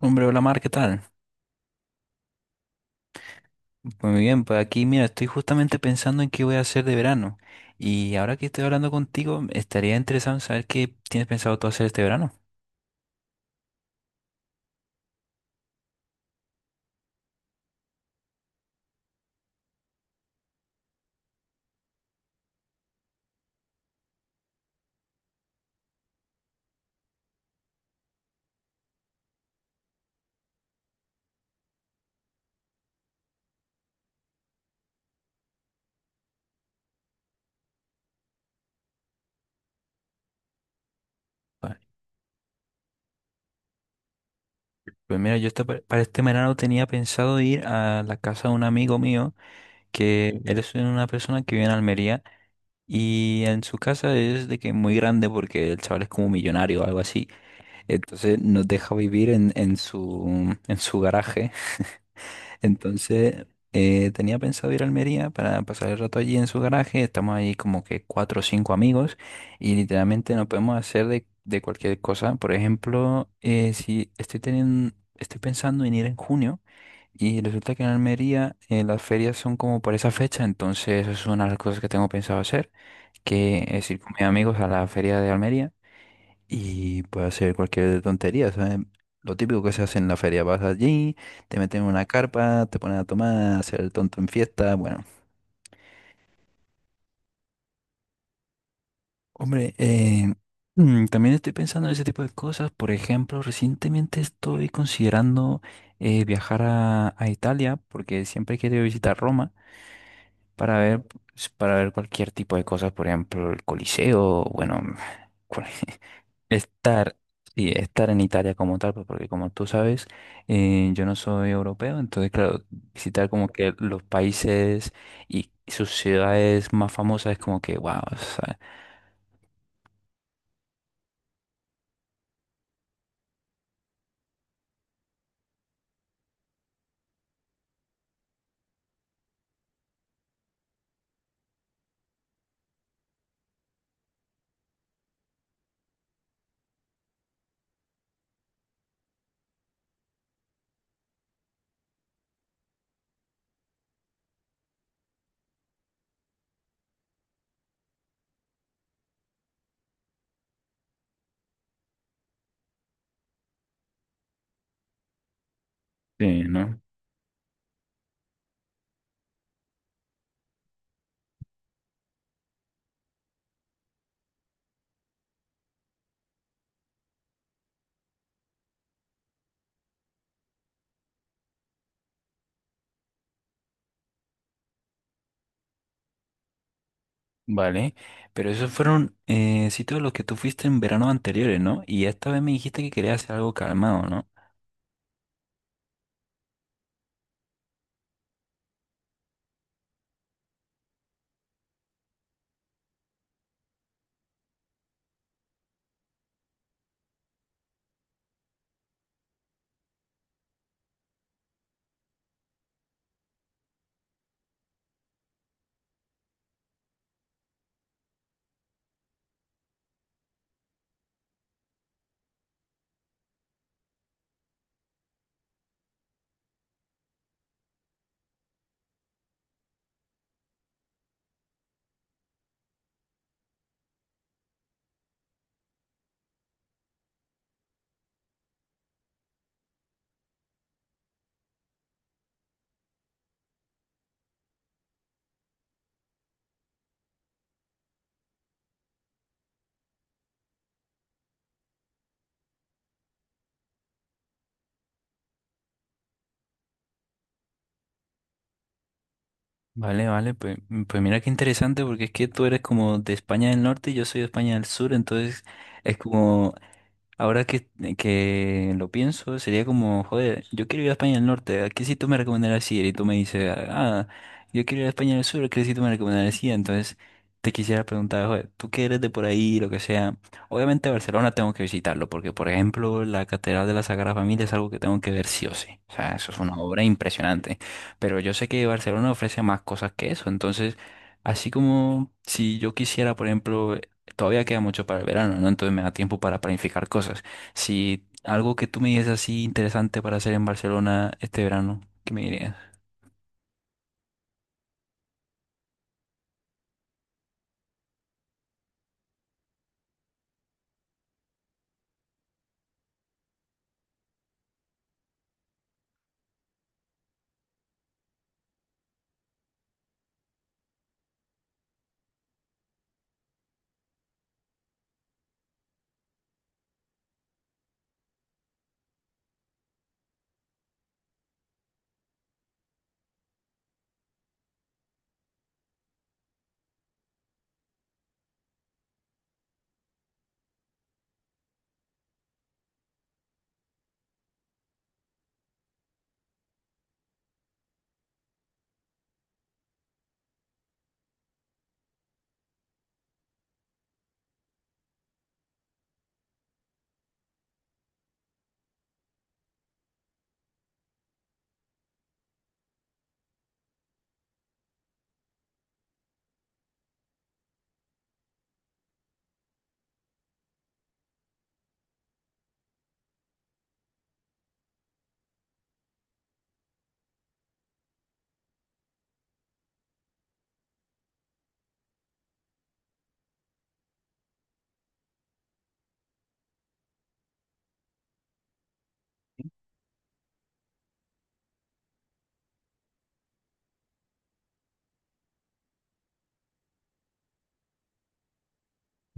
Hombre, hola Mar, ¿qué tal? Muy bien, pues aquí mira, estoy justamente pensando en qué voy a hacer de verano. Y ahora que estoy hablando contigo, estaría interesado en saber qué tienes pensado tú hacer este verano. Vale. Pues mira, para este verano tenía pensado ir a la casa de un amigo mío, que él es una persona que vive en Almería, y en su casa es de que muy grande porque el chaval es como millonario o algo así. Entonces nos deja vivir en su garaje. Entonces, tenía pensado ir a Almería para pasar el rato allí en su garaje. Estamos ahí como que cuatro o cinco amigos y literalmente nos podemos hacer de cualquier cosa. Por ejemplo, si estoy teniendo, estoy pensando en ir en junio y resulta que en Almería las ferias son como por esa fecha, entonces esa es una de las cosas que tengo pensado hacer, que es ir con mis amigos a la feria de Almería. Y puede hacer cualquier tontería, ¿sabes? Lo típico que se hace en la feria: vas allí, te meten en una carpa, te ponen a tomar, a hacer el tonto en fiesta, bueno. Hombre, también estoy pensando en ese tipo de cosas. Por ejemplo, recientemente estoy considerando viajar a Italia, porque siempre he querido visitar Roma para ver, pues, para ver cualquier tipo de cosas, por ejemplo, el Coliseo, bueno, cual- estar, sí, estar en Italia como tal, pues, porque como tú sabes, yo no soy europeo, entonces, claro, visitar como que los países y sus ciudades más famosas es como que, wow, o sea, sí, ¿no? Vale, pero esos fueron sitios a los que tú fuiste en verano anteriores, ¿no? Y esta vez me dijiste que querías hacer algo calmado, ¿no? Vale, vale, pues mira qué interesante, porque es que tú eres como de España del Norte y yo soy de España del Sur, entonces es como. Ahora que, que lo pienso, sería como, joder, yo quiero ir a España del Norte, ¿a qué sitio me recomendarías ir? Y tú me dices, ah, yo quiero ir a España del Sur, ¿a qué sitio me recomendarías ir? Entonces te quisiera preguntar, joder, tú que eres de por ahí, lo que sea, obviamente Barcelona tengo que visitarlo, porque por ejemplo la Catedral de la Sagrada Familia es algo que tengo que ver sí o sí, o sea, eso es una obra impresionante, pero yo sé que Barcelona ofrece más cosas que eso, entonces... Así como si yo quisiera, por ejemplo, todavía queda mucho para el verano, ¿no? Entonces me da tiempo para planificar cosas. Si algo que tú me dices así interesante para hacer en Barcelona este verano, ¿qué me dirías?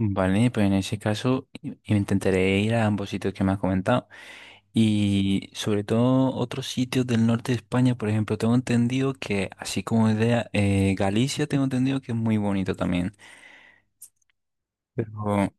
Vale, pues en ese caso intentaré ir a ambos sitios que me has comentado. Y sobre todo otros sitios del norte de España, por ejemplo, tengo entendido que, así como idea, Galicia tengo entendido que es muy bonito también. Pero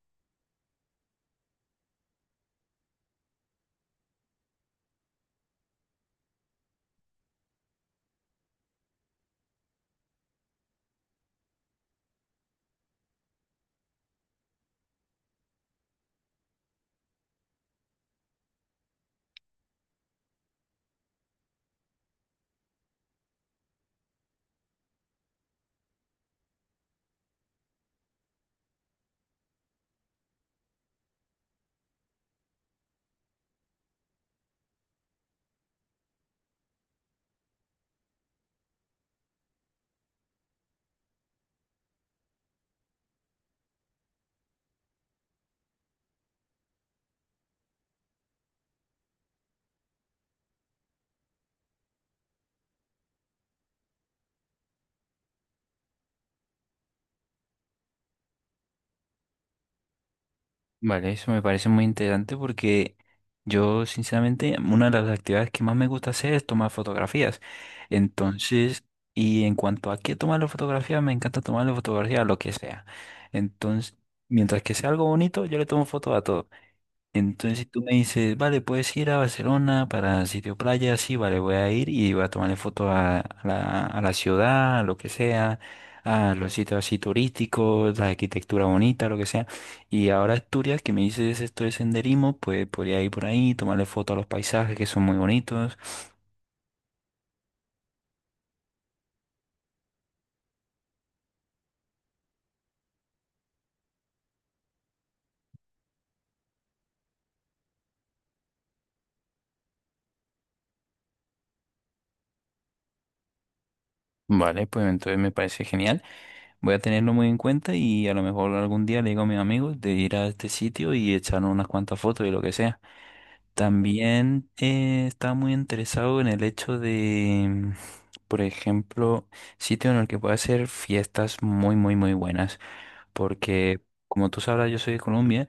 vale, eso me parece muy interesante porque yo, sinceramente, una de las actividades que más me gusta hacer es tomar fotografías. Entonces, y en cuanto a qué tomar las fotografías, me encanta tomar las fotografías a lo que sea. Entonces, mientras que sea algo bonito, yo le tomo fotos a todo. Entonces, si tú me dices, vale, puedes ir a Barcelona para sitio playa, sí, vale, voy a ir y voy a tomarle foto a la ciudad, a lo que sea, a los sitios así turísticos, la arquitectura bonita, lo que sea. Y ahora Asturias, que me dices esto de senderismo, pues podría ir por ahí, tomarle foto a los paisajes que son muy bonitos. Vale, pues entonces me parece genial. Voy a tenerlo muy en cuenta y a lo mejor algún día le digo a mis amigos de ir a este sitio y echar unas cuantas fotos y lo que sea. También estaba muy interesado en el hecho de, por ejemplo, sitio en el que pueda hacer fiestas muy, muy, muy buenas, porque como tú sabrás, yo soy de Colombia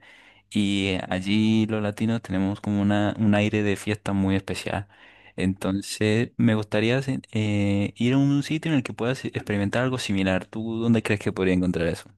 y allí los latinos tenemos como un aire de fiesta muy especial. Entonces, me gustaría ir a un sitio en el que puedas experimentar algo similar. ¿Tú dónde crees que podría encontrar eso?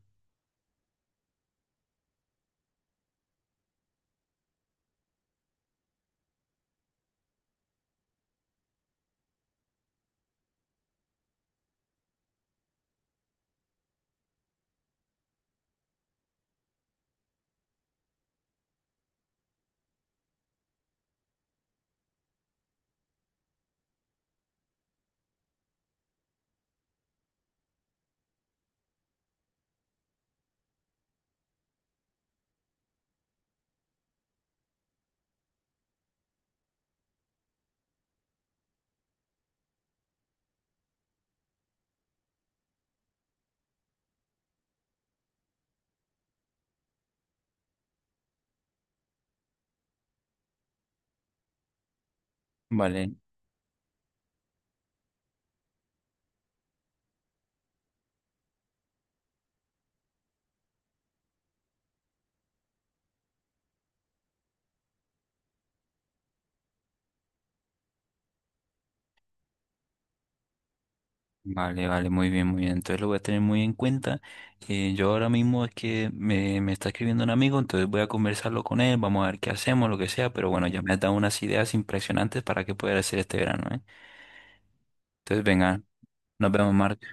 Vale. Vale, vale, muy bien, muy bien. Entonces lo voy a tener muy en cuenta. Yo ahora mismo es que me está escribiendo un amigo, entonces voy a conversarlo con él, vamos a ver qué hacemos, lo que sea, pero bueno, ya me has dado unas ideas impresionantes para qué poder hacer este verano, ¿eh? Entonces, venga, nos vemos, Marco.